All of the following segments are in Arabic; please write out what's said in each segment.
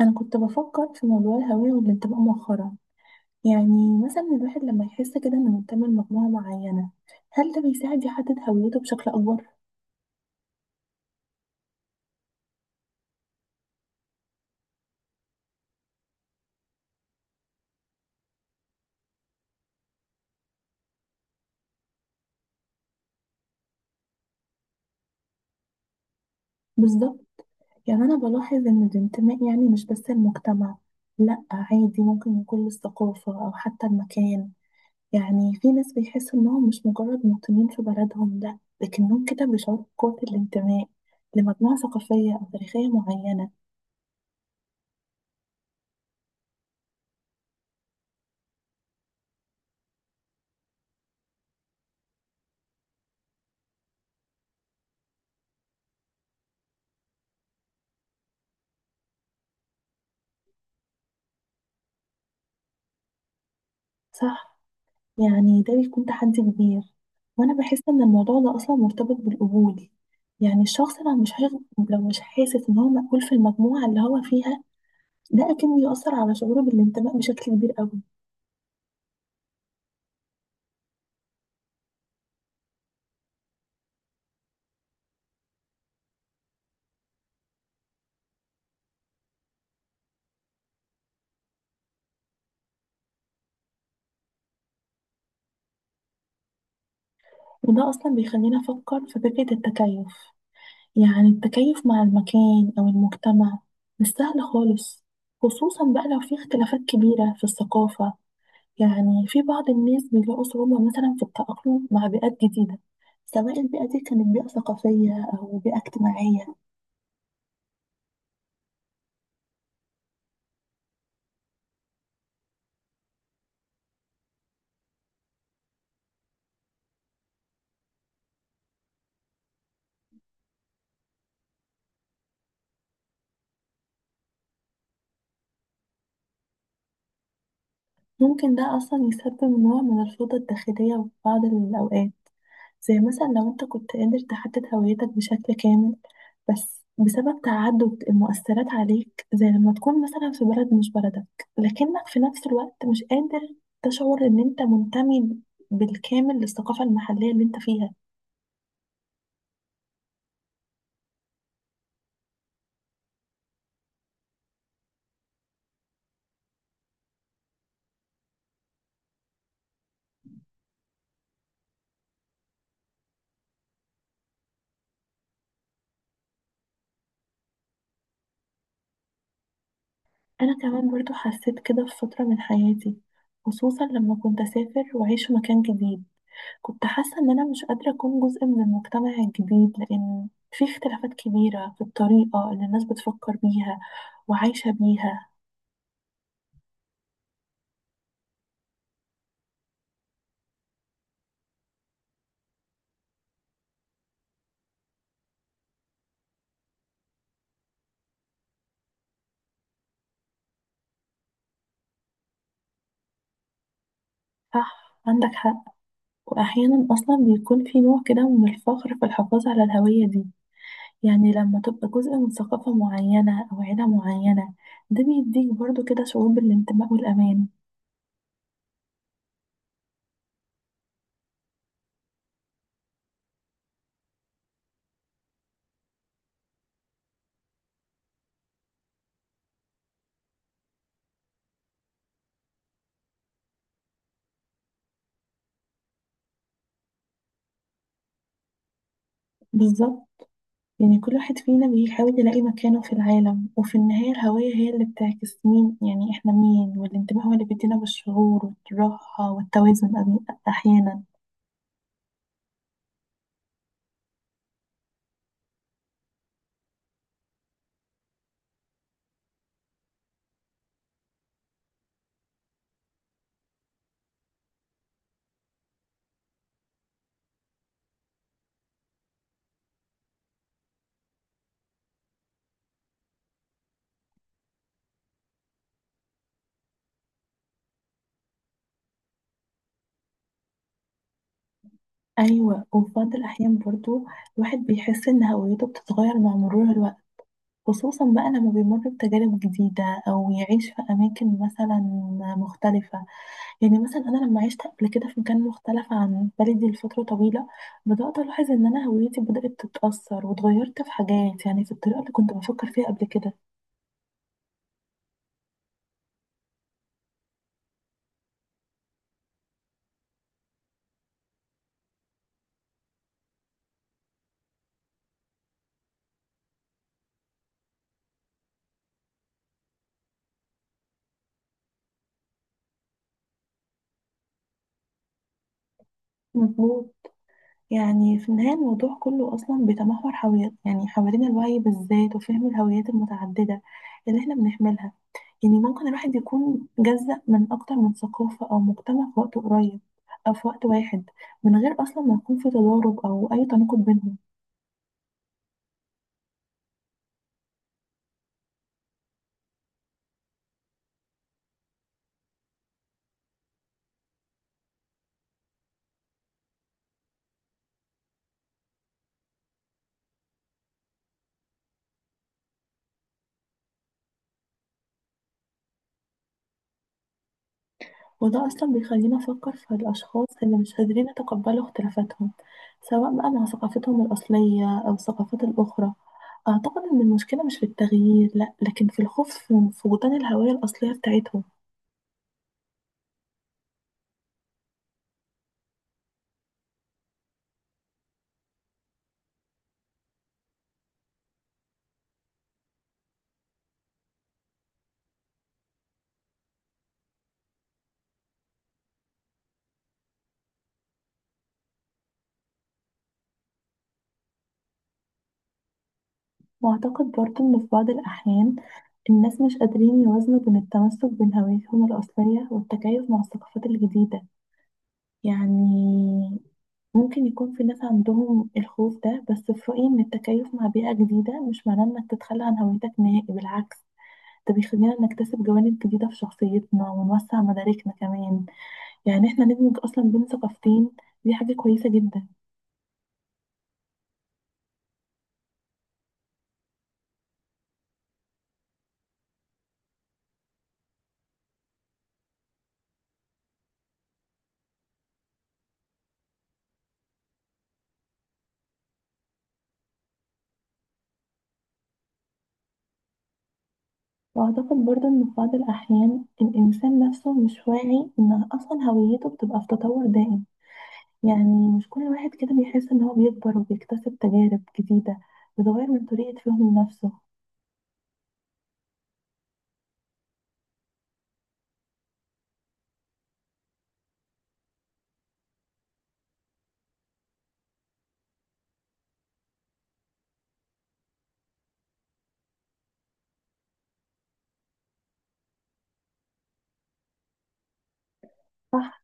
انا كنت بفكر في موضوع الهوية والانتماء مؤخرا. يعني مثلا الواحد لما يحس كده انه منتمي لمجموعة معينة، هل ده بيساعد يحدد هويته بشكل اكبر؟ بالظبط. يعني انا بلاحظ ان الانتماء يعني مش بس المجتمع، لا عادي ممكن يكون للثقافة او حتى المكان. يعني في ناس بيحسوا انهم مش مجرد مواطنين في بلدهم، لا لكنهم كده بيشعروا بقوة الانتماء لمجموعة ثقافية او تاريخية معينة. صح، يعني ده بيكون تحدي كبير. وانا بحس ان الموضوع ده اصلا مرتبط بالقبول. يعني الشخص لو مش حاسس ان هو مقبول في المجموعه اللي هو فيها، ده اكيد بيأثر على شعوره بالانتماء بشكل كبير قوي. وده اصلا بيخلينا نفكر في فكره التكيف. يعني التكيف مع المكان او المجتمع مش سهل خالص، خصوصا بقى لو في اختلافات كبيره في الثقافه. يعني في بعض الناس بيلاقوا صعوبة مثلا في التأقلم مع بيئات جديدة، سواء البيئة دي كانت بيئة ثقافية أو بيئة اجتماعية. ممكن ده أصلا يسبب نوع من الفوضى الداخلية في بعض الأوقات، زي مثلا لو أنت كنت قادر تحدد هويتك بشكل كامل بس بسبب تعدد المؤثرات عليك، زي لما تكون مثلا في بلد مش بلدك لكنك في نفس الوقت مش قادر تشعر إن أنت منتمي بالكامل للثقافة المحلية اللي أنت فيها. أنا كمان برضو حسيت كده في فترة من حياتي، خصوصا لما كنت أسافر وأعيش في مكان جديد. كنت حاسة إن أنا مش قادرة أكون جزء من المجتمع الجديد لأن في اختلافات كبيرة في الطريقة اللي الناس بتفكر بيها وعايشة بيها. صح، عندك حق. وأحيانا أصلا بيكون في نوع كده من الفخر في الحفاظ على الهوية دي. يعني لما تبقى جزء من ثقافة معينة أو عيلة معينة، ده بيديك برضو كده شعور بالانتماء والأمان. بالظبط. يعني كل واحد فينا بيحاول يلاقي مكانه في العالم، وفي النهاية الهوية هي اللي بتعكس مين، يعني احنا مين، والانتباه هو اللي بيدينا بالشعور والراحة والتوازن أحيانا. أيوة، وفي بعض الأحيان برضو الواحد بيحس إن هويته بتتغير مع مرور الوقت، خصوصا بقى لما بيمر بتجارب جديدة أو يعيش في أماكن مثلا مختلفة. يعني مثلا انا لما عشت قبل كده في مكان مختلف عن بلدي لفتره طويله، بدات الاحظ ان انا هويتي بدات تتاثر واتغيرت في حاجات، يعني في الطريقه اللي كنت بفكر فيها قبل كده. مظبوط. يعني في النهايه الموضوع كله اصلا بيتمحور حوالين، يعني حوالين الوعي بالذات وفهم الهويات المتعدده اللي احنا بنحملها. يعني ممكن الواحد يكون جزء من اكتر من ثقافه او مجتمع في وقت قريب او في وقت واحد، من غير اصلا ما يكون في تضارب او اي تناقض بينهم. وده أصلا بيخلينا نفكر في الأشخاص اللي مش قادرين يتقبلوا اختلافاتهم، سواء بقى مع ثقافتهم الأصلية أو الثقافات الأخرى. أعتقد إن المشكلة مش في التغيير، لأ لكن في الخوف، في فقدان الهوية الأصلية بتاعتهم. وأعتقد برضه إن في بعض الأحيان الناس مش قادرين يوازنوا بين التمسك بين هويتهم الأصلية والتكيف مع الثقافات الجديدة. يعني ممكن يكون في ناس عندهم الخوف ده، بس في رأيي إن التكيف مع بيئة جديدة مش معناه إنك تتخلى عن هويتك نهائي، بالعكس ده بيخلينا نكتسب جوانب جديدة في شخصيتنا ونوسع مداركنا كمان. يعني إحنا ندمج أصلا بين ثقافتين، دي حاجة كويسة جدا. وأعتقد برضه إن في بعض الأحيان الإنسان نفسه مش واعي إن أصلا هويته بتبقى في تطور دائم. يعني مش كل واحد كده بيحس إن هو بيكبر وبيكتسب تجارب جديدة بتغير من طريقة فهمه لنفسه. صح.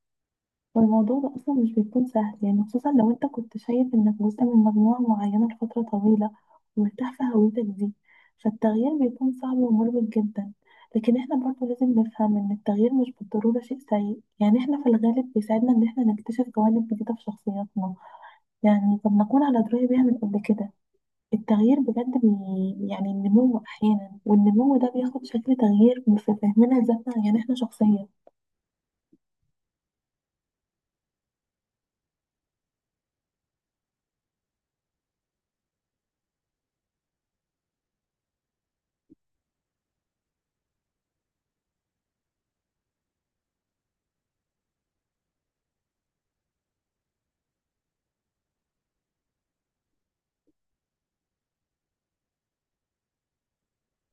والموضوع ده أصلا مش بيكون سهل، يعني خصوصا لو أنت كنت شايف إنك جزء من مجموعة معينة لفترة طويلة ومرتاح في هويتك دي، فالتغيير بيكون صعب ومربك جدا. لكن احنا برضو لازم نفهم إن التغيير مش بالضرورة شيء سيء. يعني احنا في الغالب بيساعدنا إن احنا نكتشف جوانب جديدة في شخصياتنا، يعني طب نكون على دراية بيها من قبل كده. التغيير بجد يعني النمو أحيانا، والنمو ده بياخد شكل تغيير في فهمنا لذاتنا، يعني احنا شخصيا.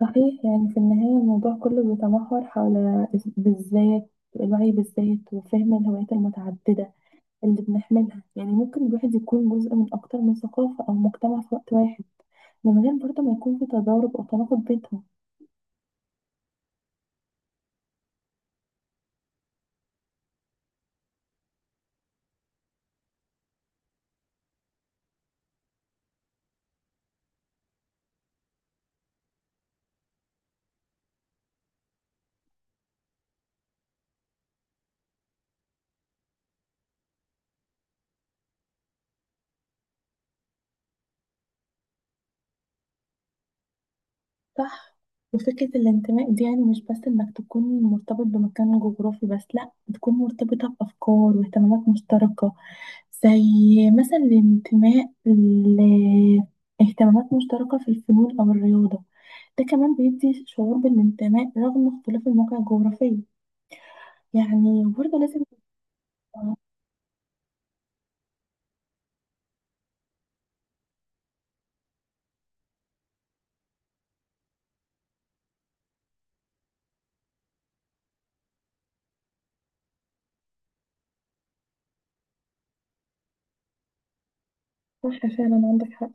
صحيح. يعني في النهاية الموضوع كله بيتمحور حول بالذات الوعي بالذات وفهم الهويات المتعددة اللي بنحملها. يعني ممكن الواحد يكون جزء من أكتر من ثقافة أو مجتمع في وقت واحد، من غير برضه ما يكون في تضارب أو تناقض بينهم. صح. وفكرة الانتماء دي يعني مش بس إنك تكون مرتبط بمكان جغرافي بس، لأ تكون مرتبطة بأفكار واهتمامات مشتركة، زي مثلا الانتماء لاهتمامات مشتركة في الفنون أو الرياضة. ده كمان بيدي شعور بالانتماء رغم اختلاف المواقع الجغرافية. يعني وبرضه لازم تبقى صح. فعلا عندك حق.